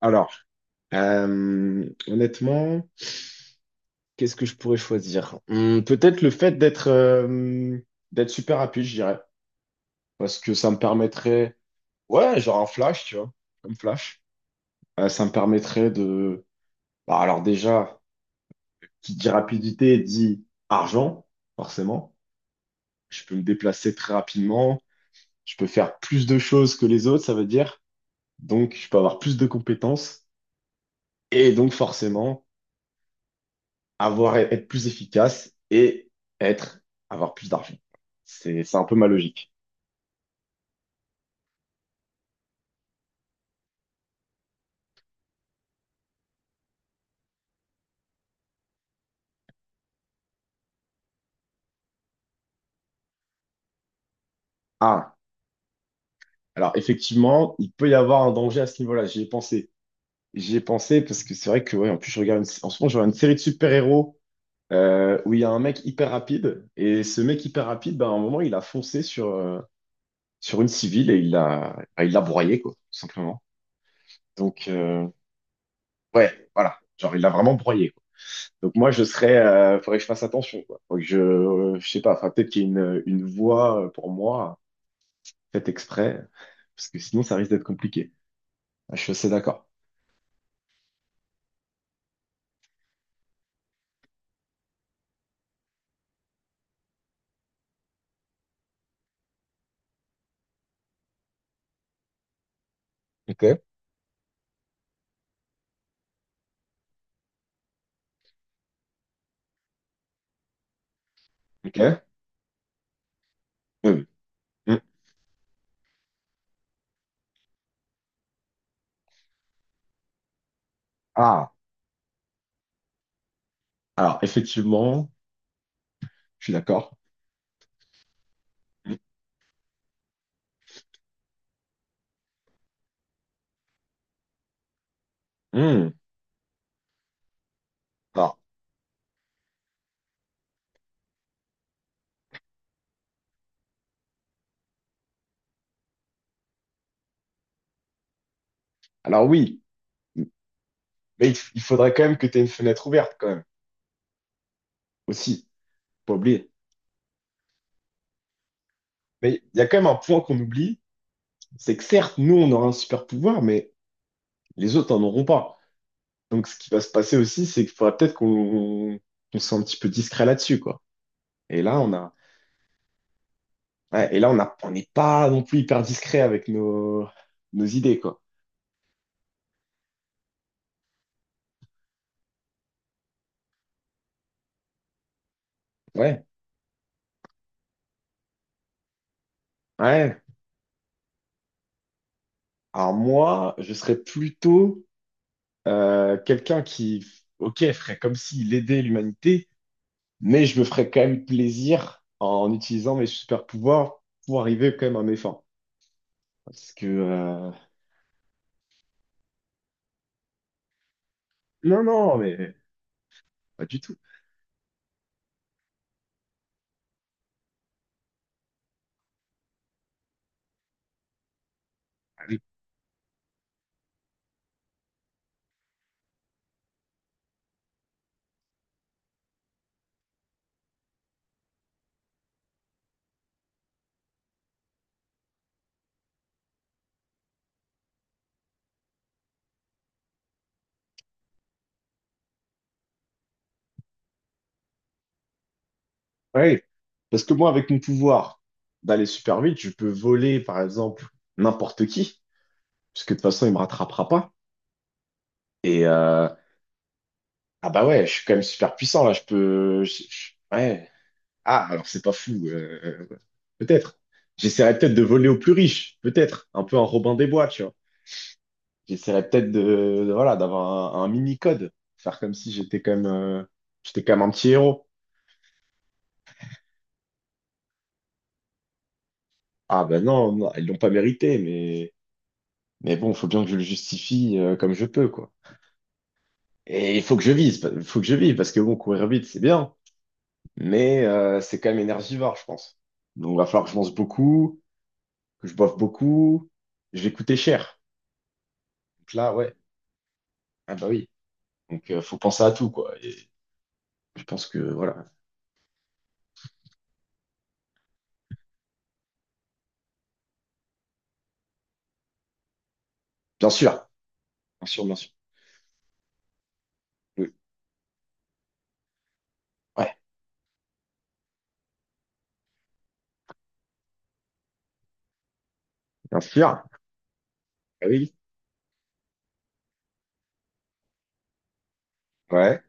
Alors, honnêtement, qu'est-ce que je pourrais choisir? Peut-être le fait d'être d'être super rapide, je dirais. Parce que ça me permettrait. Ouais, genre un flash, tu vois. Comme flash. Ça me permettrait de. Bah, alors déjà, qui dit rapidité dit argent, forcément. Je peux me déplacer très rapidement. Je peux faire plus de choses que les autres, ça veut dire. Donc, je peux avoir plus de compétences. Et donc, forcément. Avoir, être plus efficace et être, avoir plus d'argent. C'est un peu ma logique. Ah, alors effectivement, il peut y avoir un danger à ce niveau-là. J'y ai pensé. J'y ai pensé parce que c'est vrai que, ouais, en plus, en ce moment, je regarde une série de super-héros où il y a un mec hyper rapide. Et ce mec hyper rapide, ben, à un moment, il a foncé sur, sur une civile et il l'a, ah, il l'a broyé, quoi, tout simplement. Donc, ouais, voilà. Genre, il l'a vraiment broyé. Donc moi, je serais, faudrait que je fasse attention, quoi. Faut que je sais pas, enfin peut-être qu'il y a une voie pour moi faite exprès, parce que sinon ça risque d'être compliqué. Ah, je suis assez d'accord. Ok. Ok? Mm. Mm. Ah, alors effectivement, je suis d'accord. Mm. Mm. Alors, alors oui, mais il faudrait quand même que tu aies une fenêtre ouverte quand même, aussi, pas oublier. Mais il y a quand même un point qu'on oublie, c'est que certes, nous on aura un super pouvoir, mais les autres en auront pas. Donc, ce qui va se passer aussi, c'est qu'il faudra peut-être qu'on soit un petit peu discret là-dessus, quoi. Et ouais, et là, on a, on n'est pas non plus hyper discret avec nos, nos idées, quoi. Ouais, ouais. Alors moi, je serais plutôt quelqu'un qui, ok, ferait comme s'il aidait l'humanité, mais je me ferais quand même plaisir en utilisant mes super pouvoirs pour arriver quand même à mes fins. Parce que, non, non, mais pas du tout. Ouais, parce que moi, avec mon pouvoir d'aller super vite, je peux voler, par exemple, n'importe qui, puisque de toute façon, il me rattrapera pas. Et ah bah ouais, je suis quand même super puissant là. Je peux, ouais. Ah, alors c'est pas fou, peut-être. J'essaierai peut-être de voler aux plus riches, peut-être, un peu un Robin des Bois, tu vois. J'essaierai peut-être voilà, d'avoir un mini-code, faire comme si j'étais quand même, j'étais quand même un petit héros. Ah ben non, non, ils l'ont pas mérité. Mais bon, faut bien que je le justifie comme je peux, quoi. Et il faut que je vise, pa- faut que je vive, parce que bon, courir vite, c'est bien, mais c'est quand même énergivore, je pense. Donc, il va falloir que je mange beaucoup, que je boive beaucoup, je vais coûter cher. Donc là, ouais, ah bah oui. Donc, faut penser à tout, quoi. Et je pense que, voilà. Bien sûr, bien sûr, bien sûr. Oui. Ouais, bien sûr. Ah oui, ouais.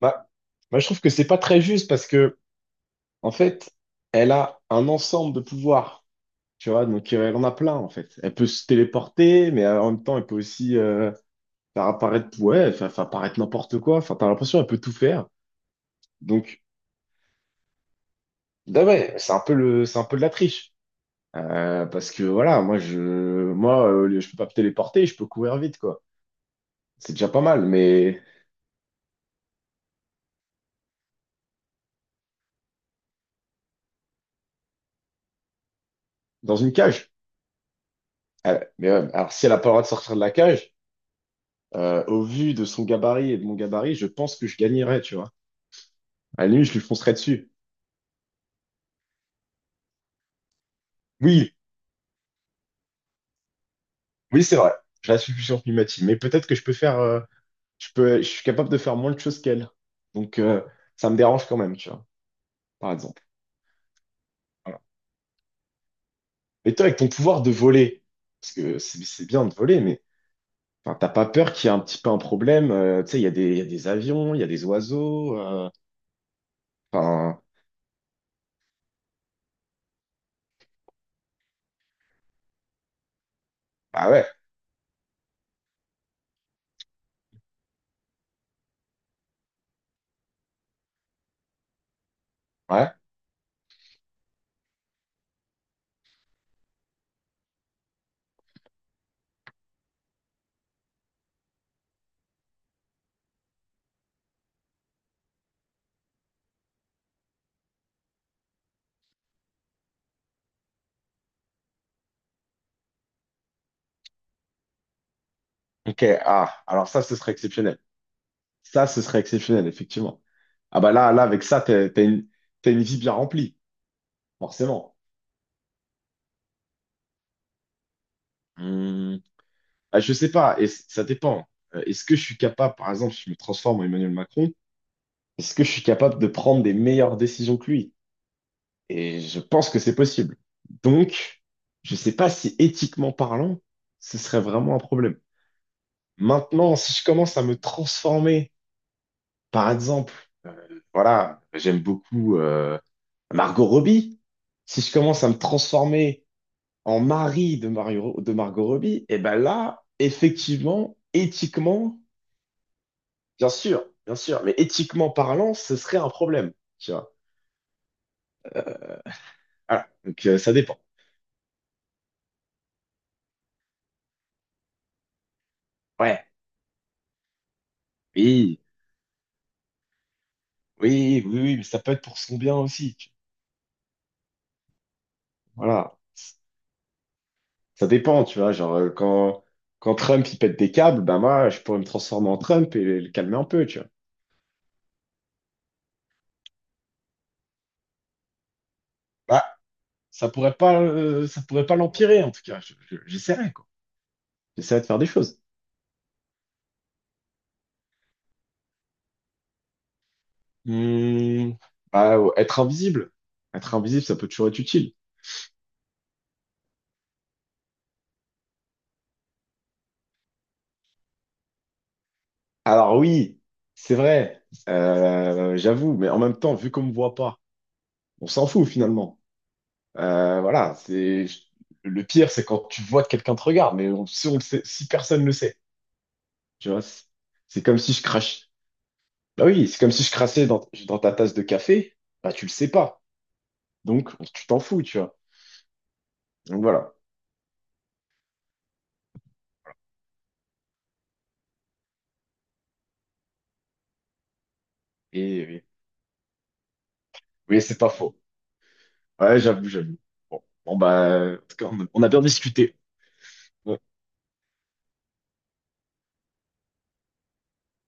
Bah, moi, je trouve que c'est pas très juste parce que, en fait, elle a un ensemble de pouvoirs. Tu vois, donc elle en a plein en fait. Elle peut se téléporter, mais en même temps, elle peut aussi faire apparaître, ouais, faire apparaître n'importe quoi. Enfin, t'as l'impression qu'elle peut tout faire. Donc, bah ouais, c'est un peu c'est un peu de la triche. Parce que voilà, moi, je peux pas me téléporter, je peux courir vite quoi. C'est déjà pas mal, mais dans une cage. Mais ouais, alors si elle a pas le droit de sortir de la cage, au vu de son gabarit et de mon gabarit, je pense que je gagnerais, tu vois. À la limite, je lui foncerais dessus. Oui, oui, c'est vrai. Je reste plus sur Pimati, mais peut-être que je peux faire. Je peux, je suis capable de faire moins de choses qu'elle. Donc, ça me dérange quand même, tu vois, par exemple. Voilà. Et toi, avec ton pouvoir de voler, parce que c'est bien de voler, mais enfin, t'as pas peur qu'il y ait un petit peu un problème. Tu sais, il y a il y a des avions, il y a des oiseaux. Enfin, ah ouais, ouais. Ok, ah, alors ça, ce serait exceptionnel. Ça, ce serait exceptionnel, effectivement. Ah bah là, avec ça, t'as une vie bien remplie, forcément. Hum, ah, je sais pas, et ça dépend. Est-ce que je suis capable, par exemple, si je me transforme en Emmanuel Macron, est-ce que je suis capable de prendre des meilleures décisions que lui? Et je pense que c'est possible. Donc, je ne sais pas si éthiquement parlant, ce serait vraiment un problème. Maintenant, si je commence à me transformer, par exemple, voilà, j'aime beaucoup Margot Robbie. Si je commence à me transformer en mari de Mario, de Margot Robbie, et ben là, effectivement, éthiquement, bien sûr, mais éthiquement parlant, ce serait un problème, tu vois. Voilà, donc ça dépend. Ouais, oui, oui, mais ça peut être pour son bien aussi. Voilà. Ça dépend, tu vois. Genre, quand Trump, il pète des câbles, bah moi, je pourrais me transformer en Trump et le calmer un peu, tu vois. Bah, ça pourrait pas l'empirer, en tout cas. J'essaierai, quoi. J'essaierai de faire des choses. Hmm, bah, ouais, être invisible. Être invisible, ça peut toujours être utile. Alors oui, c'est vrai, j'avoue, mais en même temps, vu qu'on me voit pas, on s'en fout finalement. Voilà, c'est le pire, c'est quand tu vois que quelqu'un te regarde, mais si, si personne le sait, tu vois, c'est comme si je crache. Bah oui, c'est comme si je crassais dans ta tasse de café, bah tu le sais pas, donc tu t'en fous, tu vois. Donc voilà. Et oui, oui, c'est pas faux. Ouais, j'avoue, j'avoue. Bon, en tout cas, on a bien discuté. Ouais.